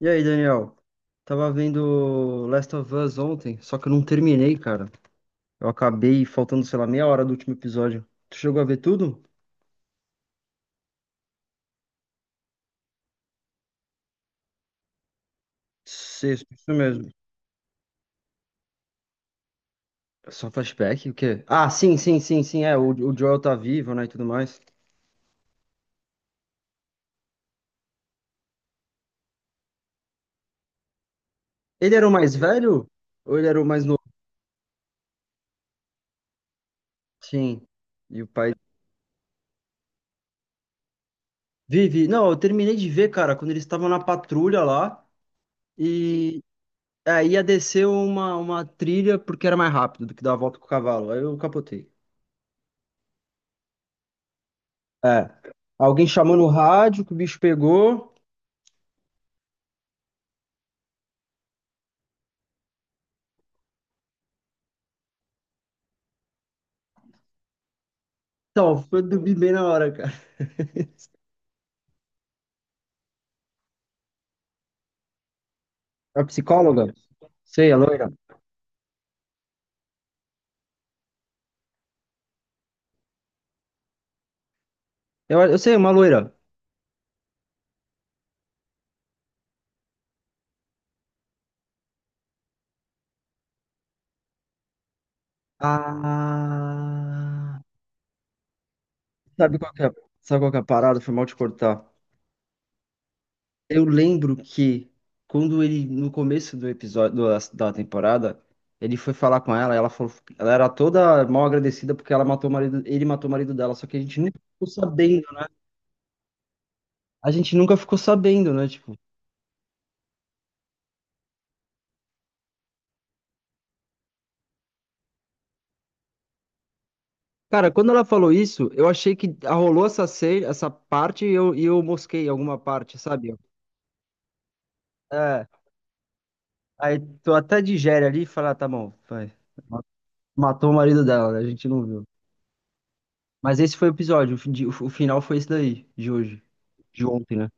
E aí, Daniel? Tava vendo Last of Us ontem, só que eu não terminei, cara. Eu acabei faltando, sei lá, meia hora do último episódio. Tu chegou a ver tudo? Sexto, isso mesmo. Só flashback? O quê? Ah, sim, sim, sim, sim, é. O Joel tá vivo, né, e tudo mais. Ele era o mais velho? Ou ele era o mais novo? Sim. E o pai. Vive. Não, eu terminei de ver, cara, quando eles estavam na patrulha lá e. Aí ia descer uma trilha porque era mais rápido do que dar a volta com o cavalo. Aí eu capotei. É. Alguém chamou no rádio que o bicho pegou. Então, foi dormir bem na hora, cara. A psicóloga? Sei, a loira. Eu sei, uma loira. Ah. Sabe qual que é, sabe qual que é a parada? Foi mal te cortar. Eu lembro que quando ele, no começo da temporada, ele foi falar com ela, ela falou, ela era toda mal agradecida porque ela matou o marido, ele matou o marido dela, só que a gente nunca ficou sabendo, né? A gente nunca ficou sabendo, né? Tipo, cara, quando ela falou isso, eu achei que rolou essa parte e eu mosquei alguma parte, sabe? É, aí tu até digere ali e fala, ah, tá bom, vai. Matou o marido dela, né? A gente não viu. Mas esse foi o episódio, o final foi esse daí, de hoje, de ontem, né?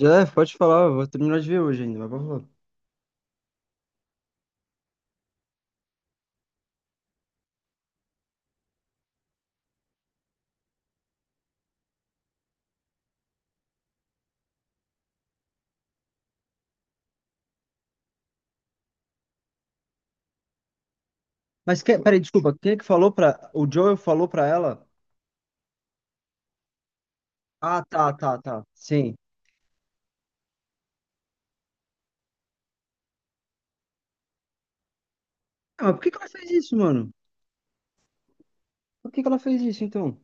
Já é, pode falar, eu vou terminar de ver hoje ainda, mas pode falar. Mas que, peraí, desculpa, quem é que falou pra. O Joel falou pra ela? Ah, tá, tá, tá, sim. Ah, mas por que que ela fez isso, mano? Por que que ela fez isso, então?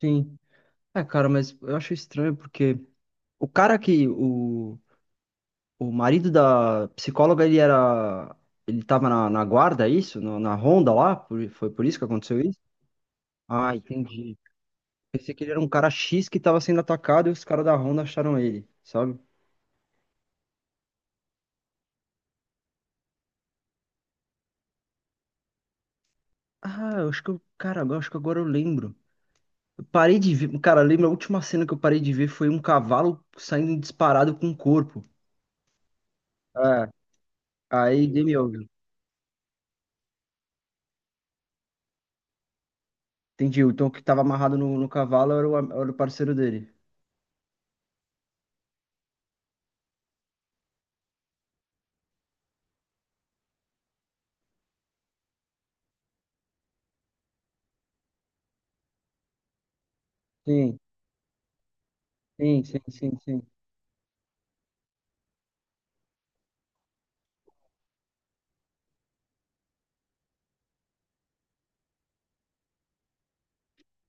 Sim. Ah, cara, mas eu acho estranho porque. O cara que. O marido da psicóloga, ele era. Ele tava na guarda, é isso? Na ronda lá? Foi por isso que aconteceu isso? Ah, entendi. Pensei que ele era um cara X que tava sendo atacado e os caras da ronda acharam ele, sabe? Ah, eu acho que eu. Cara, acho que agora eu lembro. Eu parei de ver. Cara, lembra a última cena que eu parei de ver foi um cavalo saindo disparado com o corpo. É, aí dei me. Entendi. Então o que tava amarrado no cavalo era era o parceiro dele. Sim, sim, sim, sim, sim.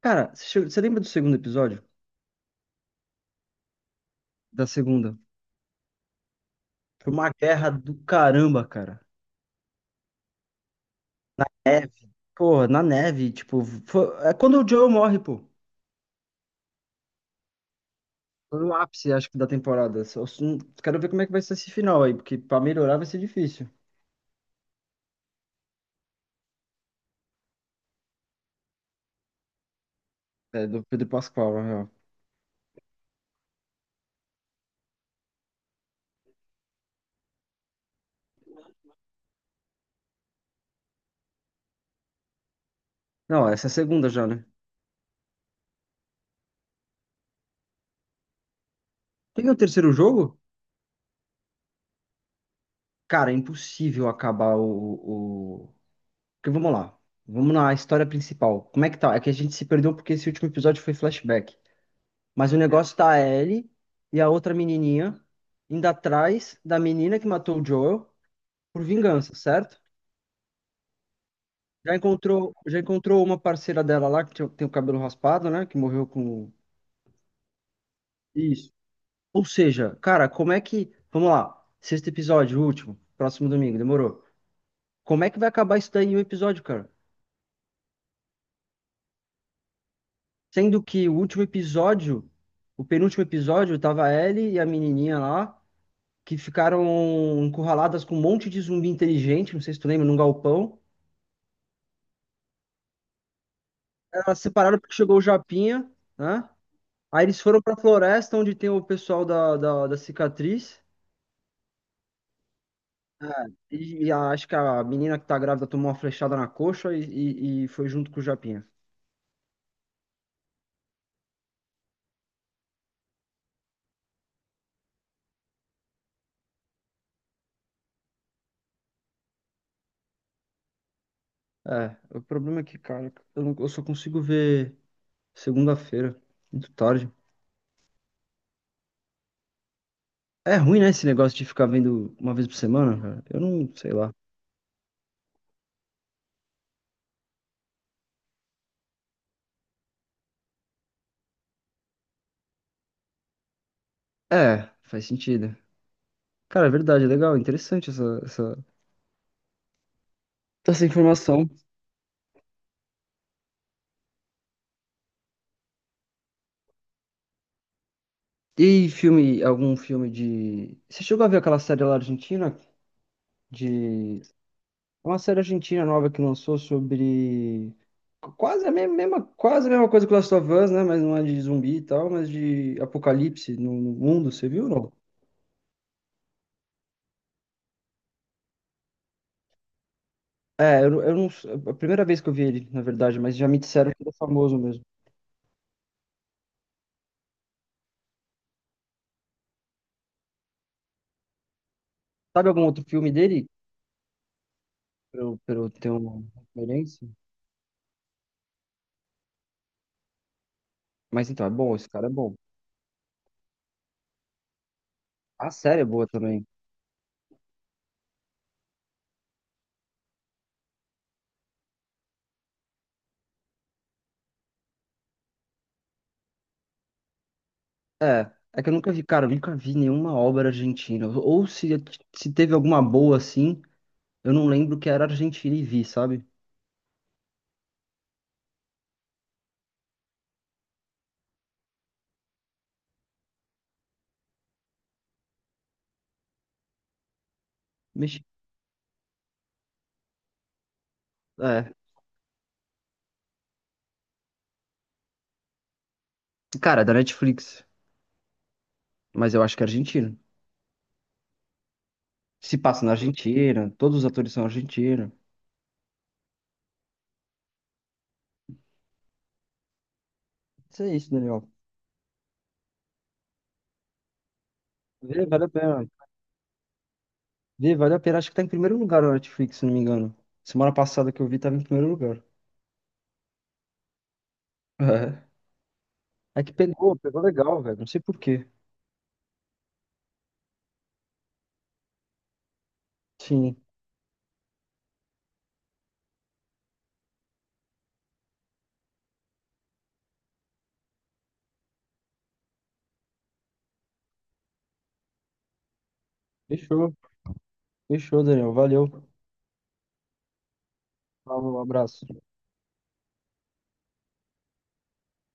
Cara, você lembra do segundo episódio? Da segunda? Foi uma guerra do caramba, cara. Neve. Porra, na neve, tipo, é quando o Joe morre, pô. Foi no ápice, acho que, da temporada. Quero ver como é que vai ser esse final aí, porque pra melhorar vai ser difícil. É, do Pedro Pascal, na real. Não, essa é a segunda já, né? Tem o terceiro jogo? Cara, é impossível acabar o. Porque vamos lá. Vamos na história principal. Como é que tá? É que a gente se perdeu porque esse último episódio foi flashback. Mas o negócio tá a Ellie e a outra menininha indo atrás da menina que matou o Joel por vingança, certo? Já encontrou uma parceira dela lá tem o cabelo raspado, né? Que morreu com isso. Ou seja, cara, como é que, vamos lá, sexto episódio, último, próximo domingo, demorou. Como é que vai acabar isso daí em um episódio, cara? Sendo que o último episódio, o penúltimo episódio, tava a Ellie e a menininha lá que ficaram encurraladas com um monte de zumbi inteligente, não sei se tu lembra, num galpão. Elas se separaram porque chegou o Japinha, né? Aí eles foram pra floresta onde tem o pessoal da cicatriz. É, acho que a menina que tá grávida tomou uma flechada na coxa e foi junto com o Japinha. É, o problema é que, cara, eu, não- eu só consigo ver segunda-feira, muito tarde. É ruim, né, esse negócio de ficar vendo uma vez por semana, cara? Eu não sei lá. É, faz sentido. Cara, é verdade, é legal, interessante essa informação. E filme, algum filme de. Você chegou a ver aquela série lá argentina? De. É uma série argentina nova que lançou sobre. Quase a mesma coisa que Last of Us, né? Mas não é de zumbi e tal, mas de apocalipse no mundo, você viu ou não? É, eu não. É a primeira vez que eu vi ele, na verdade, mas já me disseram que ele é famoso mesmo. Sabe algum outro filme dele? Pra eu ter uma referência? Mas então, é bom, esse cara é bom. A série é boa também. É que eu nunca vi, cara, eu nunca vi nenhuma obra argentina. Ou se teve alguma boa assim, eu não lembro que era argentina e vi, sabe? Mex-. É, cara, é da Netflix, mas eu acho que é argentino. Se passa na Argentina, todos os atores são argentinos. Isso é isso, Daniel. Vê, vale a pena. Vê, vale a pena. Acho que tá em primeiro lugar na Netflix, se não me engano. Semana passada que eu vi, tava em primeiro lugar. É. É que pegou, pegou legal, velho. Não sei por quê. Sim. Fechou. Fechou, Daniel. Valeu. Falou, um abraço.